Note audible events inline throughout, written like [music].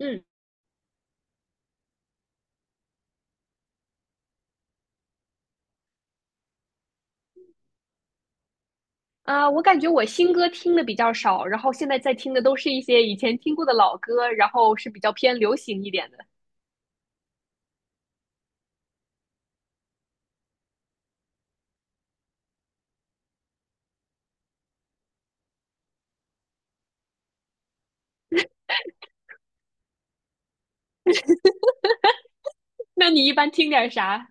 嗯啊，我感觉我新歌听的比较少，然后现在在听的都是一些以前听过的老歌，然后是比较偏流行一点的。那你一般听点啥？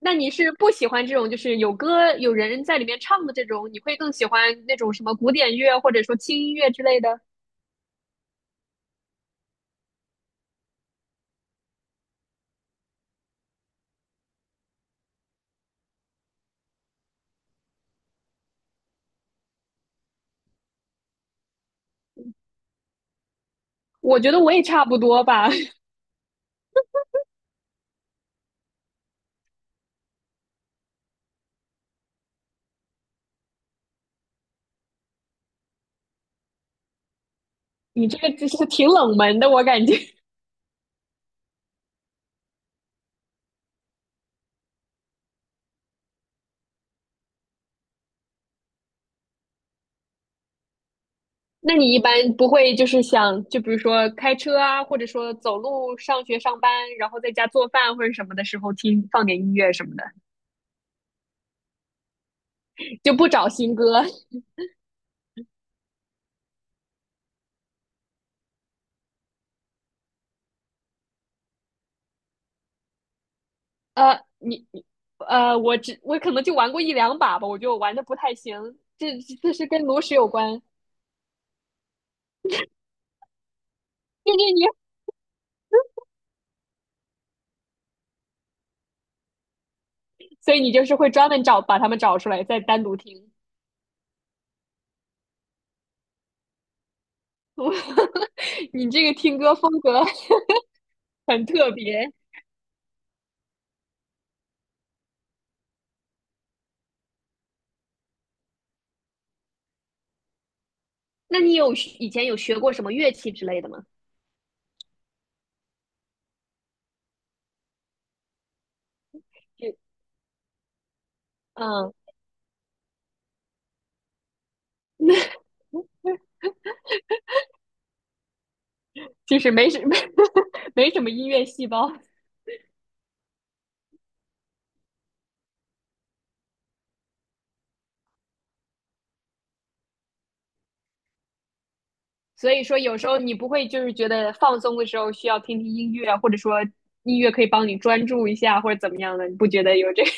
那你是不喜欢这种就是有歌有人在里面唱的这种，你会更喜欢那种什么古典乐或者说轻音乐之类的？我觉得我也差不多吧。[laughs] 你这个就是挺冷门的，我感觉。[laughs] 那你一般不会就是想，就比如说开车啊，或者说走路上学上班，然后在家做饭或者什么的时候听放点音乐什么的？就不找新歌。呃，你你呃，我只我可能就玩过一两把吧，我就玩的不太行，这是跟炉石有关。你你你，所以你就是会专门找把他们找出来，再单独听。[laughs] 你这个听歌风格很特别。那你以前有学过什么乐器之类的吗？嗯，就是没什没 [laughs] 没什么音乐细胞。所以说有时候你不会就是觉得放松的时候需要听听音乐，或者说音乐可以帮你专注一下，或者怎么样的，你不觉得有这个？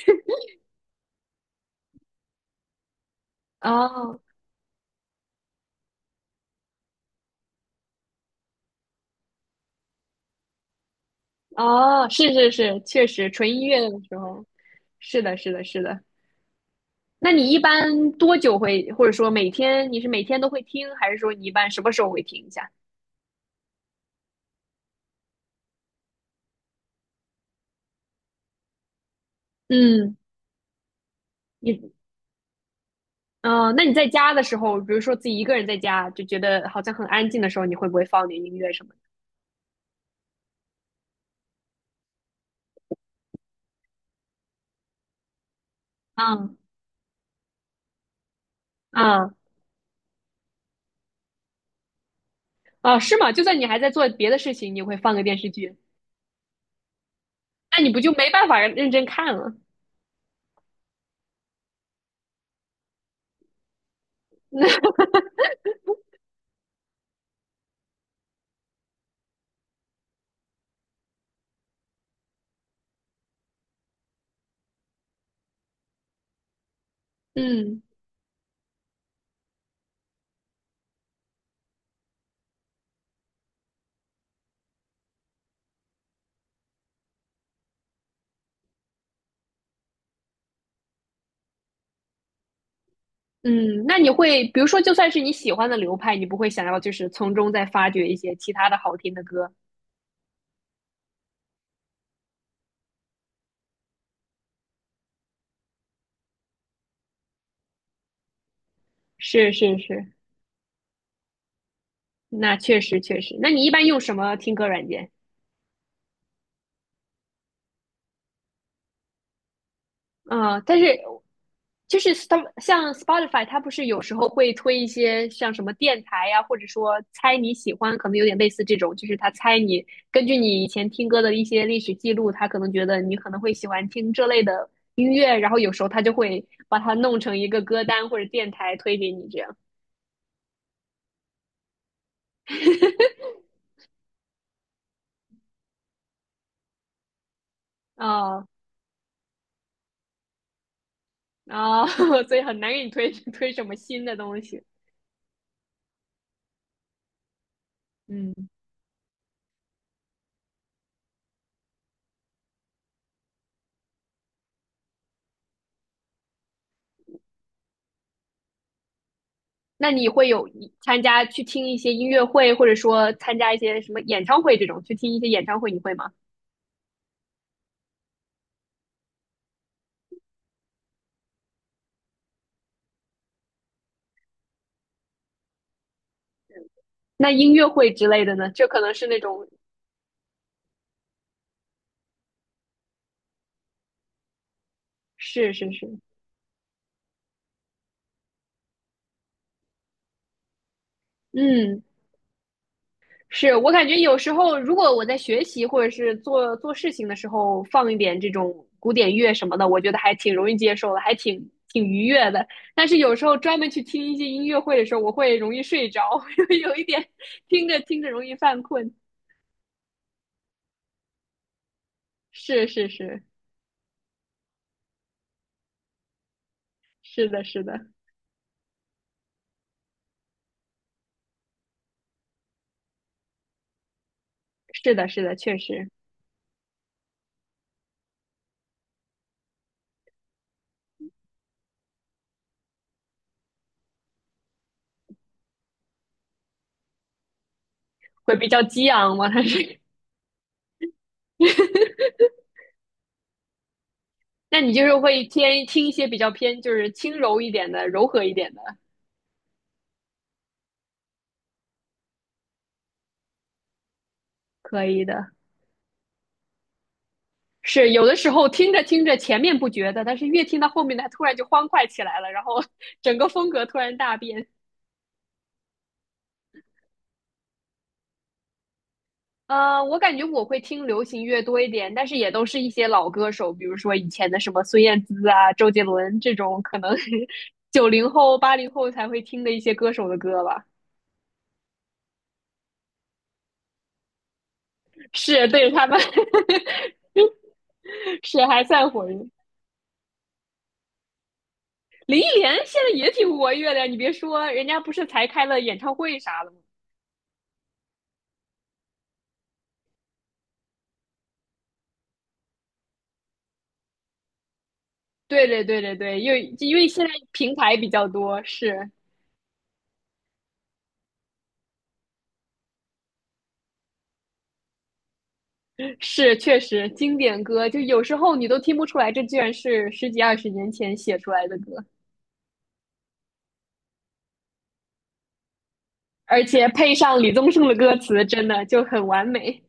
哦哦，是是是，确实纯音乐的时候。是的，是的，是的。那你一般多久会，或者说每天你是每天都会听，还是说你一般什么时候会听一下？嗯，你那你在家的时候，比如说自己一个人在家，就觉得好像很安静的时候，你会不会放点音乐什么的？嗯嗯啊，是吗？就算你还在做别的事情，你会放个电视剧，那你不就没办法认真看了？嗯嗯，那你会，比如说，就算是你喜欢的流派，你不会想要就是从中再发掘一些其他的好听的歌？是是是，那确实确实。那你一般用什么听歌软件？嗯，但是就是他们像 Spotify，它不是有时候会推一些像什么电台呀、或者说猜你喜欢，可能有点类似这种，就是他猜你根据你以前听歌的一些历史记录，他可能觉得你可能会喜欢听这类的音乐，然后有时候他就会把它弄成一个歌单或者电台推给你这样。[laughs] 啊啊、[laughs] 所以很难给你推推什么新的东西。嗯那你会有参加去听一些音乐会，或者说参加一些什么演唱会这种，去听一些演唱会，你会吗？那音乐会之类的呢？这可能是那种。是是是。嗯，是我感觉有时候，如果我在学习或者是做做事情的时候放一点这种古典乐什么的，我觉得还挺容易接受的，还挺挺愉悦的。但是有时候专门去听一些音乐会的时候，我会容易睡着，[laughs] 有一点听着听着容易犯困。是是是，是的，是的。是的，是的，确实会比较激昂嘛，[laughs] 它是。[laughs] 那你就是会偏听一些比较偏就是轻柔一点的、柔和一点的，可以的。是有的时候听着听着前面不觉得，但是越听到后面，它突然就欢快起来了，然后 [laughs] 整个风格突然大变。我感觉我会听流行乐多一点，但是也都是一些老歌手，比如说以前的什么孙燕姿啊、周杰伦这种，可能 [laughs] 是90后、80后才会听的一些歌手的歌吧。是对着他们。 [laughs] [laughs] 是还算活跃。林忆莲现在也挺活跃的，你别说，人家不是才开了演唱会啥的吗？对对对对对，因为现在平台比较多，是。是确实经典歌，就有时候你都听不出来，这居然是十几二十年前写出来的歌，而且配上李宗盛的歌词，真的就很完美。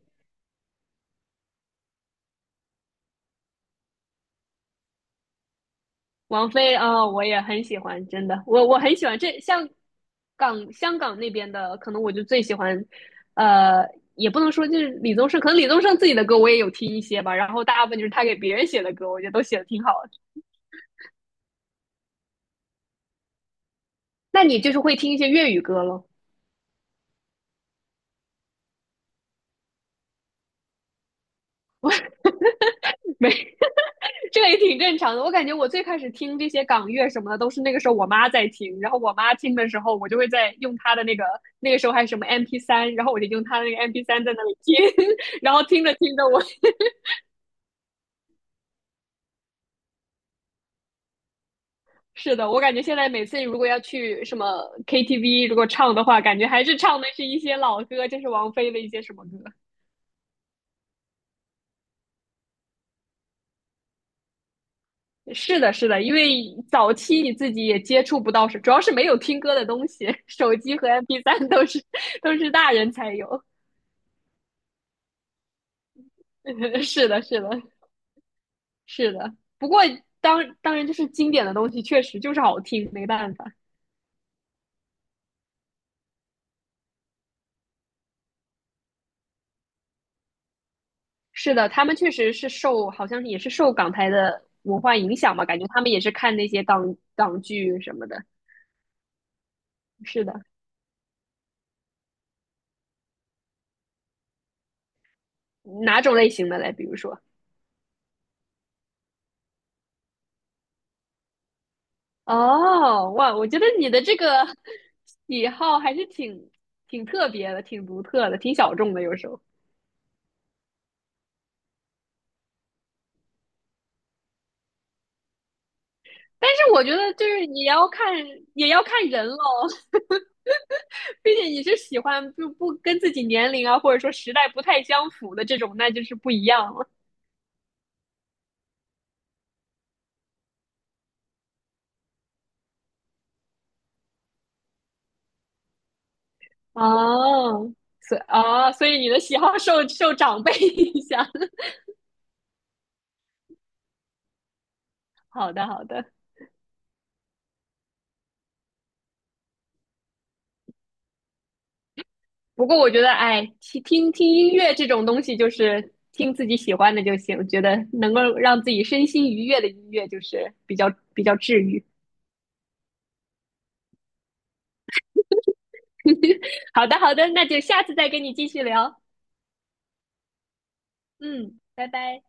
王菲啊、我也很喜欢，真的，我很喜欢这像香港那边的，可能我就最喜欢，呃，也不能说就是李宗盛，可能李宗盛自己的歌我也有听一些吧，然后大部分就是他给别人写的歌，我觉得都写的挺好的。那你就是会听一些粤语歌咯。没，[laughs] 这个也挺正常的。我感觉我最开始听这些港乐什么的，都是那个时候我妈在听，然后我妈听的时候，我就会在用她的那个，那个时候还是什么 MP 三，然后我就用她的那个 MP 三在那里听，[laughs] 然后听着听着我。是的，我感觉现在每次如果要去什么 KTV，如果唱的话，感觉还是唱的是一些老歌，就是王菲的一些什么歌。是的，是的，因为早期你自己也接触不到，主要是没有听歌的东西，[laughs] 手机和 MP3 都是大人才有。[laughs] 是的，是的，是的。不过当然就是经典的东西，确实就是好听，没办法。是的，他们确实是受，好像也是受港台的文化影响吧，感觉他们也是看那些港剧什么的。是的。哪种类型的嘞？比如说，哦，哇，我觉得你的这个 [laughs] 喜好还是挺挺特别的，挺独特的，挺小众的，有时候。但是我觉得就是你要看，也要看人喽。[laughs] 毕竟你是喜欢就不跟自己年龄啊，或者说时代不太相符的这种，那就是不一样了。哦，所以你的喜好受长辈影响。[laughs] 好的，好的。不过我觉得，哎，听听音乐这种东西，就是听自己喜欢的就行。我觉得能够让自己身心愉悦的音乐，就是比较治愈。好的，好的，那就下次再跟你继续聊。嗯，拜拜。